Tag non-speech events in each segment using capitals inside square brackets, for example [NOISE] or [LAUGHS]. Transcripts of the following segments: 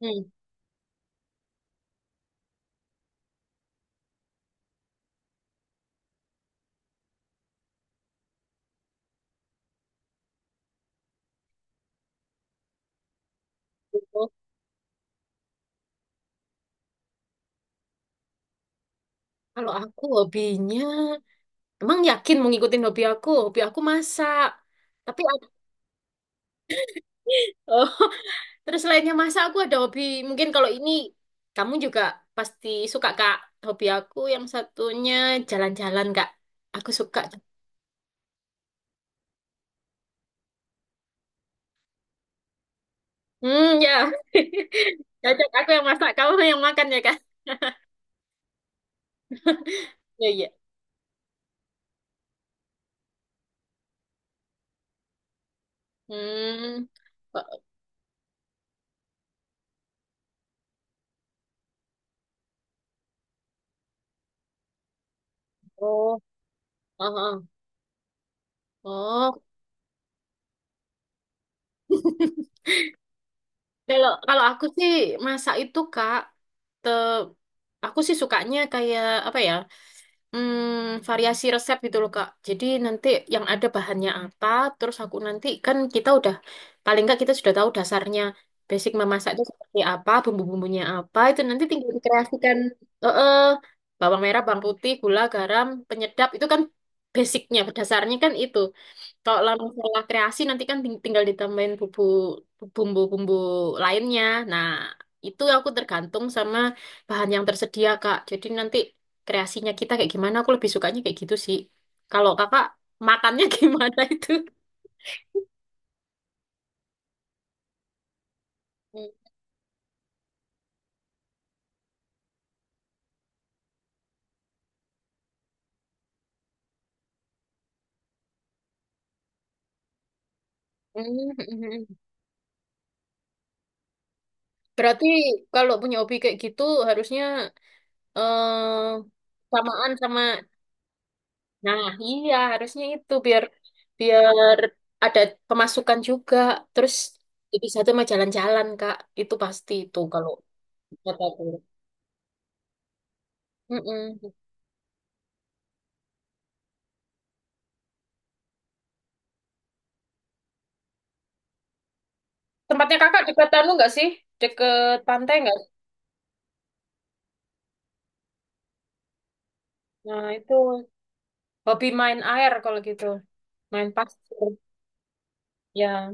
Hmm, gitu. Kalau aku hobinya, emang yakin mau ngikutin hobi aku? Hobi aku masak. Tapi ada, [LAUGHS] oh, terus lainnya masak aku ada hobi. Mungkin kalau ini kamu juga pasti suka Kak. Hobi aku yang satunya jalan-jalan Kak. Aku suka. Hmm, ya. [LAUGHS] Cocok aku yang masak, kamu [LAUGHS] yang makan ya Kak. [LAUGHS] Iya, iya. Hmm. Oh, oh, oh. Oh. [LAUGHS] Kalau kalau aku sih masak itu Kak. Aku sih sukanya kayak apa ya, variasi resep gitu loh Kak. Jadi nanti yang ada bahannya apa, terus aku nanti kan kita udah paling nggak kita sudah tahu dasarnya basic memasak itu seperti apa, bumbu-bumbunya apa, itu nanti tinggal dikreasikan. eh eh, Bawang merah, bawang putih, gula, garam, penyedap itu kan basicnya, dasarnya kan itu. Kalau lah masalah kreasi nanti kan tinggal ditambahin bumbu-bumbu lainnya. Nah, itu aku tergantung sama bahan yang tersedia, Kak. Jadi nanti kreasinya kita kayak gimana, aku lebih sukanya kayak gitu sih. Kalau Kakak makannya [LAUGHS] gimana itu? Mm-mm. Berarti kalau punya hobi kayak gitu harusnya eh samaan sama. Nah, iya harusnya itu biar biar ada pemasukan juga. Terus jadi satu mah jalan-jalan, Kak. Itu pasti itu kalau kata aku. Mm-mm. Tempatnya Kakak dekat anu nggak sih? Deket pantai nggak? Nah, itu hobi main air kalau gitu. Main pasir. Ya,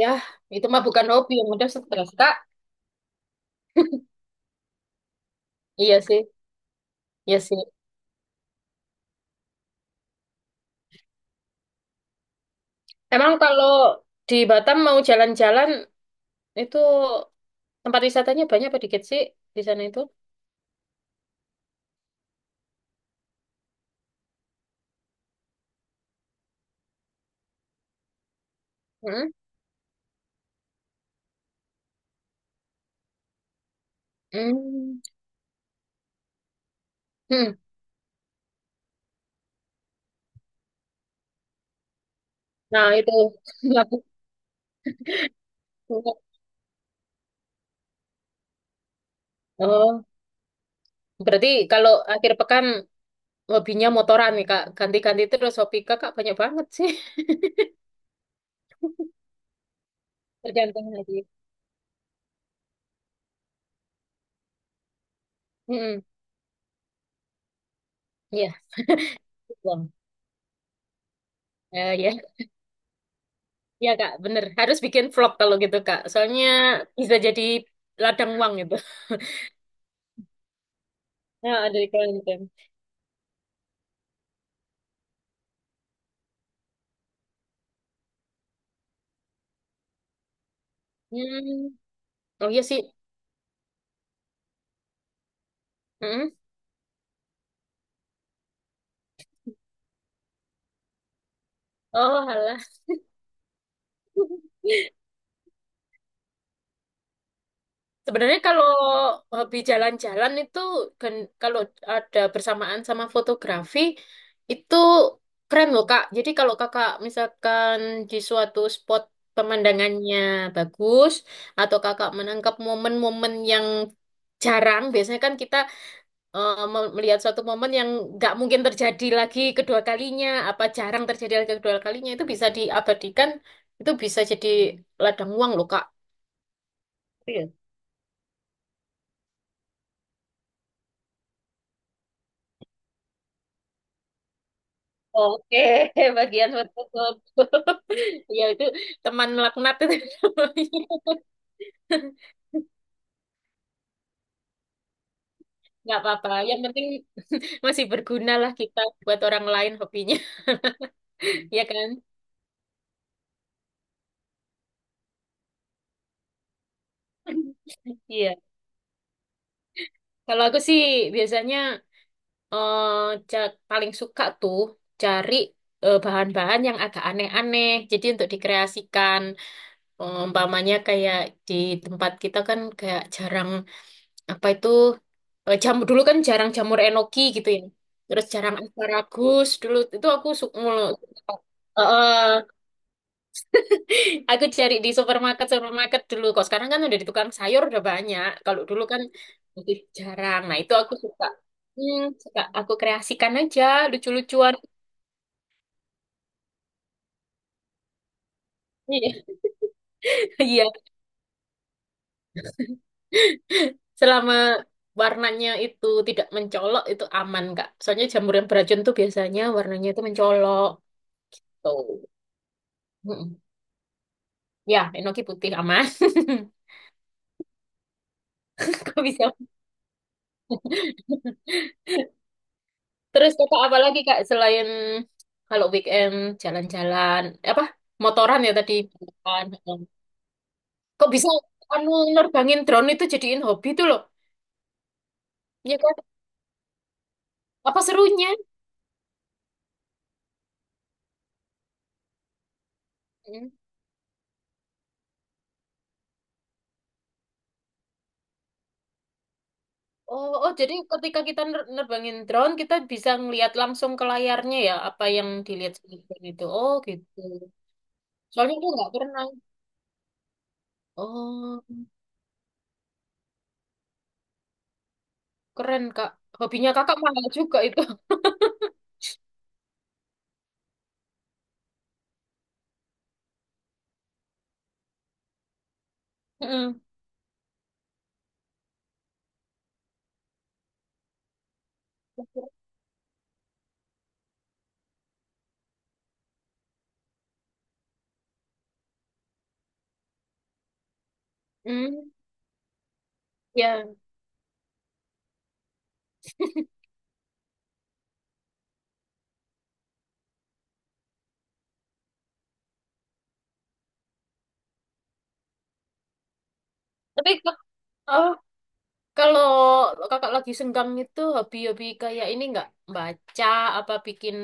ya, itu mah bukan hobi yang udah stres, Kak. [LAUGHS] Iya sih, iya sih. Emang kalau di Batam mau jalan-jalan itu tempat wisatanya banyak apa dikit sih di sana itu? Hmm. Hmm. Nah, itu [LAUGHS] lagu. Oh, berarti kalau akhir pekan hobinya motoran nih, Kak. Ganti-ganti terus hobi Kakak banyak banget sih. [LAUGHS] Tergantung lagi. Hmm. Ya, belum. Eh, ya. Ya, Kak, bener. Harus bikin vlog kalau gitu, Kak. Soalnya bisa jadi ladang uang gitu. [LAUGHS] Nah, dari konten. Hmm. Oh, iya sih. Hmm. Oh, alah. [LAUGHS] Sebenarnya kalau hobi jalan-jalan itu kalau ada bersamaan sama fotografi itu keren loh Kak. Jadi kalau Kakak misalkan di suatu spot pemandangannya bagus atau Kakak menangkap momen-momen yang jarang, biasanya kan kita melihat suatu momen yang nggak mungkin terjadi lagi kedua kalinya, apa jarang terjadi lagi kedua kalinya itu bisa diabadikan, itu bisa jadi ladang uang loh Kak. Oke, [LAUGHS] bagian tertutup. [LAUGHS] Ya itu teman melaknat itu namanya. [LAUGHS] Nggak apa-apa. Yang penting masih berguna lah kita buat orang lain hobinya, [LAUGHS] ya kan? [LAUGHS] Iya. Kalau aku sih biasanya paling suka tuh cari bahan-bahan yang agak aneh-aneh. Jadi untuk dikreasikan. Umpamanya kayak di tempat kita kan kayak jarang. Apa itu jamur dulu kan jarang jamur enoki gitu ya, terus jarang asparagus dulu itu aku suka mulu. Eh, aku cari di supermarket supermarket dulu kok, sekarang kan udah di tukang sayur udah banyak, kalau dulu kan masih jarang, nah itu aku suka. hmm, Suka aku kreasikan aja lucu-lucuan. Iya [LAUGHS] iya. Selama warnanya itu tidak mencolok itu aman Kak, soalnya jamur yang beracun tuh biasanya warnanya itu mencolok tuh. Ya, enoki putih aman. [LAUGHS] Kok bisa? Terus kakak apa lagi Kak, selain kalau weekend jalan-jalan apa motoran ya tadi? Motoran. Kok bisa anu nerbangin drone itu jadiin hobi tuh loh? Ya kan? Apa serunya? Hmm. Oh, oh, jadi ketika kita nerbangin drone kita bisa ngelihat langsung ke layarnya ya apa yang dilihat sama drone itu. Oh gitu. Soalnya aku nggak pernah. Oh, keren Kak. Hobinya kakak mahal juga itu. [LAUGHS] Hmm. Hmm, ya. Tapi ke- eh, Kalau kakak lagi senggang itu hobi-hobi kayak ini nggak, baca apa bikin,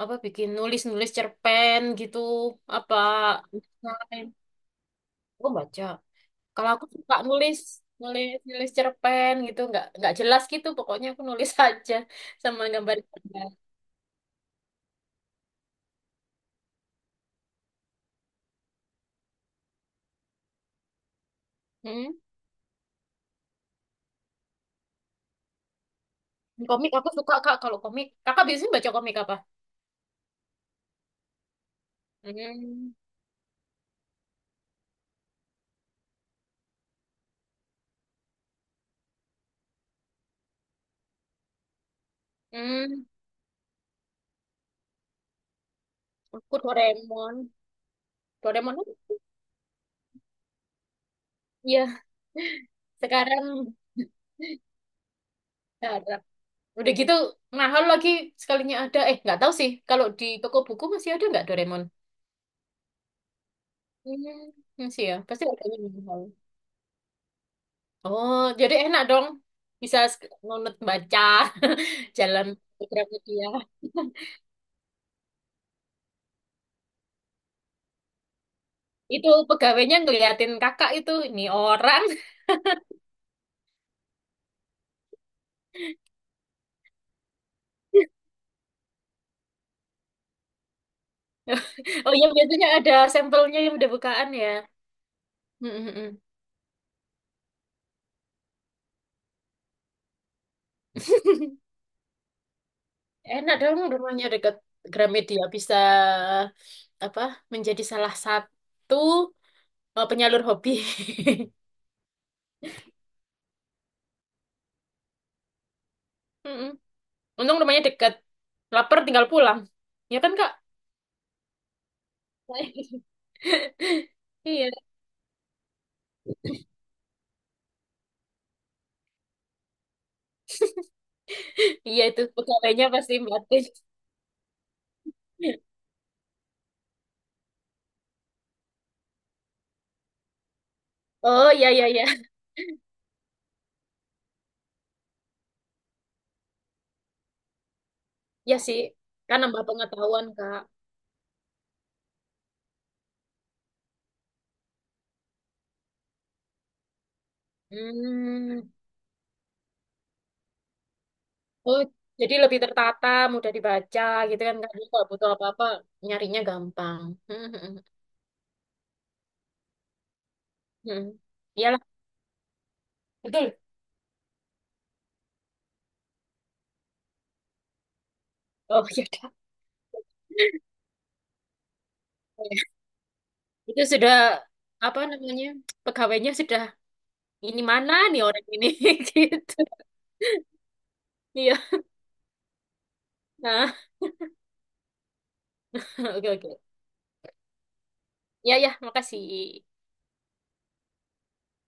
apa bikin nulis-nulis cerpen gitu apa lain? Aku baca. Kalau aku suka nulis nulis nulis cerpen gitu, nggak jelas gitu pokoknya aku nulis [LAUGHS] aja, sama gambar. Hmm. Komik aku suka Kak kalau komik. Kakak biasanya baca komik apa? Hmm. Hmm. Aku Doraemon. Doraemon? Iya. [LAUGHS] Sekarang. Nggak ada. Udah gitu mahal lagi sekalinya ada. Eh, nggak tahu sih. Kalau di toko buku masih ada nggak Doraemon? Hmm, masih ya. Pasti ada yang mahal. Oh, jadi enak dong. Bisa nunut baca [LAUGHS] jalan Gramedia. [LAUGHS] Itu pegawainya ngeliatin kakak itu. Ini orang. [LAUGHS] Oh iya, biasanya ada sampelnya yang udah bukaan ya. Mm, mm, mm. Enak dong rumahnya dekat Gramedia. Bisa apa menjadi salah satu penyalur hobi. [LAUGHS] Mm-mm. Untung rumahnya dekat. Laper tinggal pulang. Ya kan, Kak? [LAUGHS] Iya. Iya itu pegawainya pasti batin. Oh, iya, iya, iya. Ya sih. Kan nambah pengetahuan, Kak. Hmm. Oh, jadi lebih tertata, mudah dibaca gitu kan, Kak. Jadi kalau butuh apa-apa, nyarinya gampang. [LAUGHS] Hmm. Hmm. Iyalah, betul. Oh, ya udah. Itu sudah, apa namanya, pegawainya sudah, ini mana nih orang ini? [LAUGHS] gitu. Iya. Nah, oke, oke. Ya, ya, makasih.